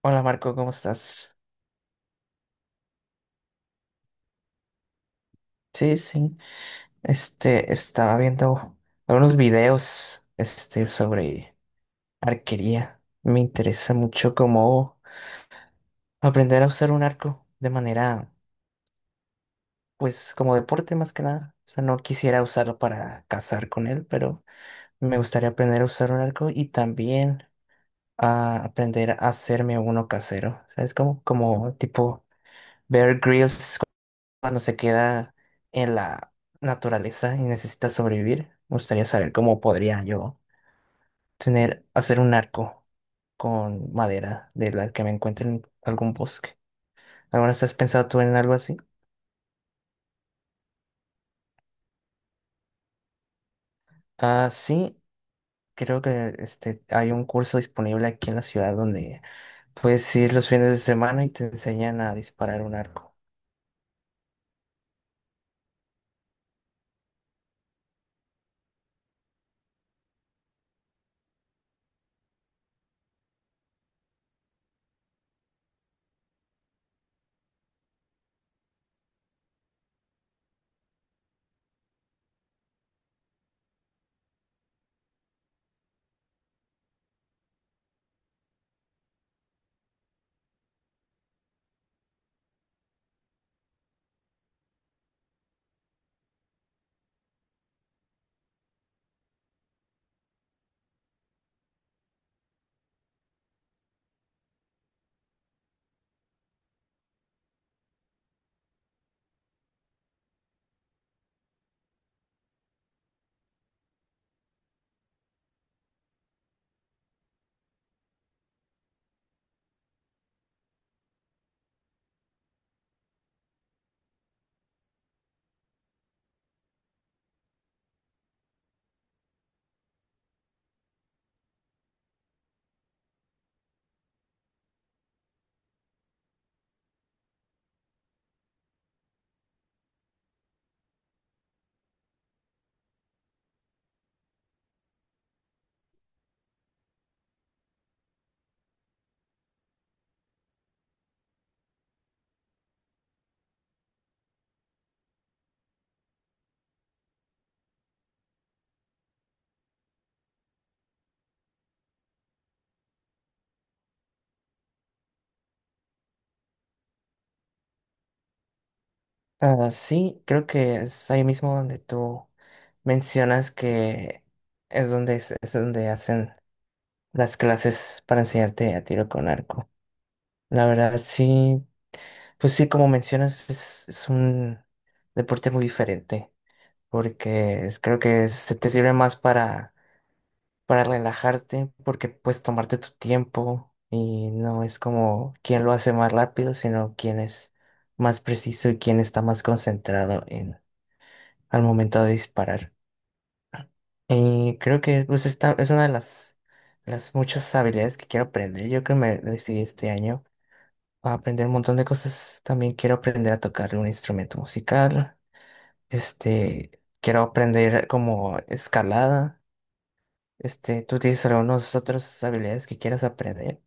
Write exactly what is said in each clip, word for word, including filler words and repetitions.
Hola Marco, ¿cómo estás? Sí, sí. Este, estaba viendo algunos videos, este, sobre arquería. Me interesa mucho cómo aprender a usar un arco de manera, pues, como deporte más que nada. O sea, no quisiera usarlo para cazar con él, pero me gustaría aprender a usar un arco y también a aprender a hacerme uno casero. ¿Sabes? Como, como tipo Bear Grylls cuando se queda en la naturaleza y necesita sobrevivir. Me gustaría saber cómo podría yo tener, hacer un arco con madera de la que me encuentre en algún bosque. ¿Alguna vez has pensado tú en algo así? Ah, sí, creo que este, hay un curso disponible aquí en la ciudad donde puedes ir los fines de semana y te enseñan a disparar un arco. Ah, sí, creo que es ahí mismo donde tú mencionas que es donde, es es donde hacen las clases para enseñarte a tiro con arco. La verdad, sí, pues sí, como mencionas, es, es un deporte muy diferente, porque es- creo que se te sirve más para, para, relajarte, porque puedes tomarte tu tiempo y no es como quién lo hace más rápido, sino quién es más preciso y quién está más concentrado en, al momento de disparar. Y creo que, pues, esta es una de las, las muchas habilidades que quiero aprender. Yo creo que me decidí este año a aprender un montón de cosas. También quiero aprender a tocar un instrumento musical. Este, Quiero aprender como escalada. Este, ¿tú tienes algunas otras habilidades que quieras aprender?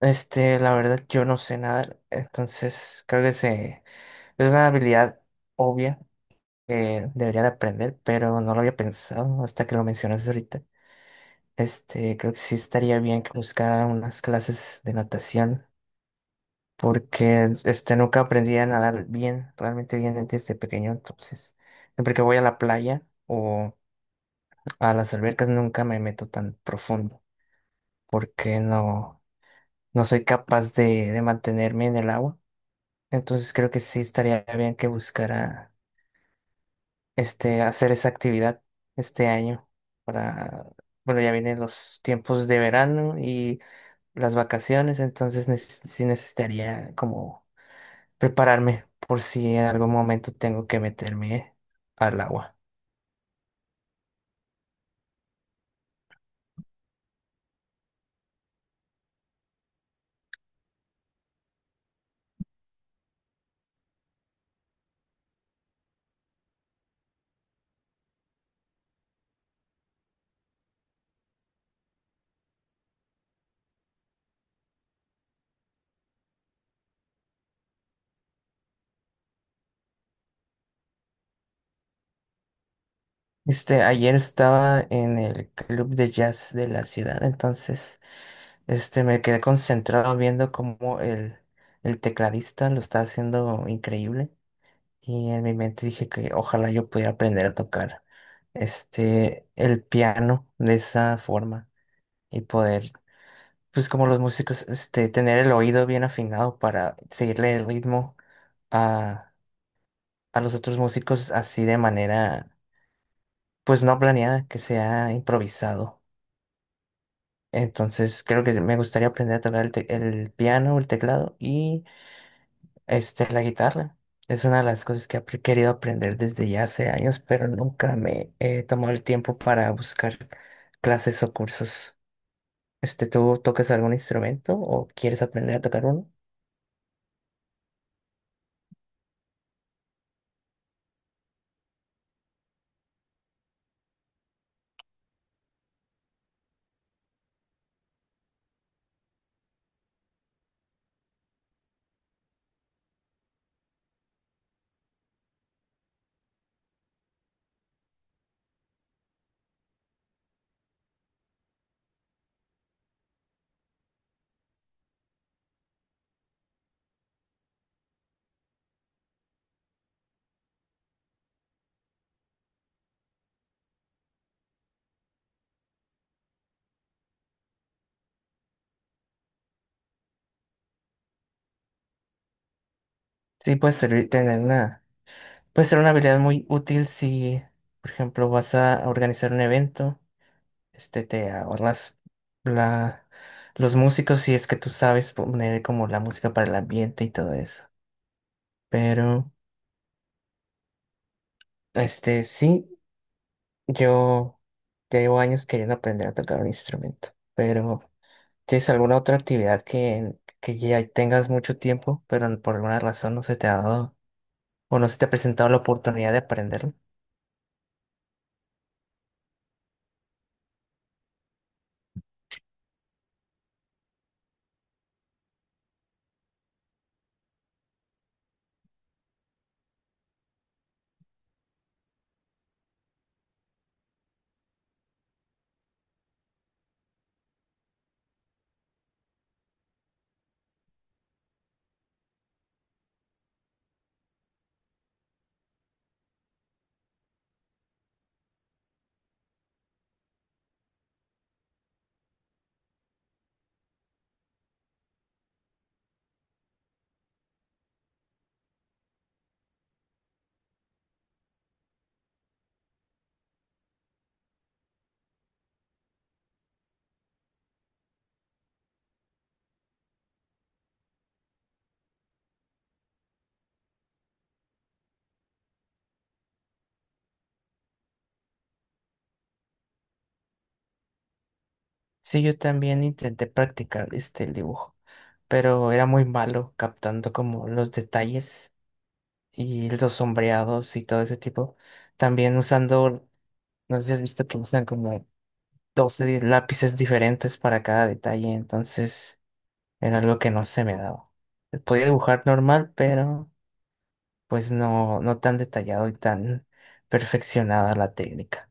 Este, la verdad, yo no sé nadar, entonces creo que se, es una habilidad obvia que debería de aprender, pero no lo había pensado hasta que lo mencionaste ahorita. Este, creo que sí estaría bien que buscara unas clases de natación, porque este, nunca aprendí a nadar bien, realmente bien desde este pequeño. Entonces, siempre que voy a la playa o a las albercas nunca me meto tan profundo, porque no, no soy capaz de, de, mantenerme en el agua. Entonces creo que sí estaría bien que buscara este, hacer esa actividad este año para, bueno, ya vienen los tiempos de verano y las vacaciones, entonces neces- sí necesitaría como prepararme por si en algún momento tengo que meterme al agua. Este, ayer estaba en el club de jazz de la ciudad, entonces, este, me quedé concentrado viendo cómo el, el tecladista lo está haciendo increíble, y en mi mente dije que ojalá yo pudiera aprender a tocar, este, el piano de esa forma y poder, pues, como los músicos, este, tener el oído bien afinado para seguirle el ritmo a a los otros músicos, así, de manera, pues, no planeada, que sea improvisado. Entonces creo que me gustaría aprender a tocar el, te- el piano, el teclado y, este, la guitarra. Es una de las cosas que he apre- querido aprender desde ya hace años, pero nunca me he tomado el tiempo para buscar clases o cursos. Este, ¿tú tocas algún instrumento o quieres aprender a tocar uno? Sí, puede servir tener una, puede ser una habilidad muy útil si, por ejemplo, vas a organizar un evento, este, te ahorras la, los músicos si es que tú sabes poner como la música para el ambiente y todo eso. Pero, este, sí, yo ya llevo años queriendo aprender a tocar un instrumento. Pero, ¿tienes alguna otra actividad que, que ya tengas mucho tiempo, pero por alguna razón no se te ha dado o no se te ha presentado la oportunidad de aprenderlo? Sí, yo también intenté practicar, este, el dibujo, pero era muy malo captando como los detalles y los sombreados y todo ese tipo. También usando, no sé si has visto que usan como doce di- lápices diferentes para cada detalle, entonces era algo que no se me daba. Podía dibujar normal, pero pues no, no tan detallado y tan perfeccionada la técnica.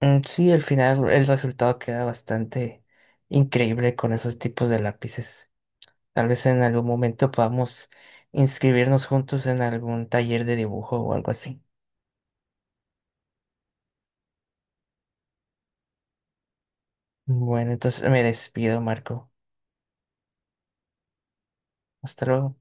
Mm, sí, al final el resultado queda bastante increíble con esos tipos de lápices. Tal vez en algún momento podamos inscribirnos juntos en algún taller de dibujo o algo así. Bueno, entonces me despido, Marco. Hasta luego.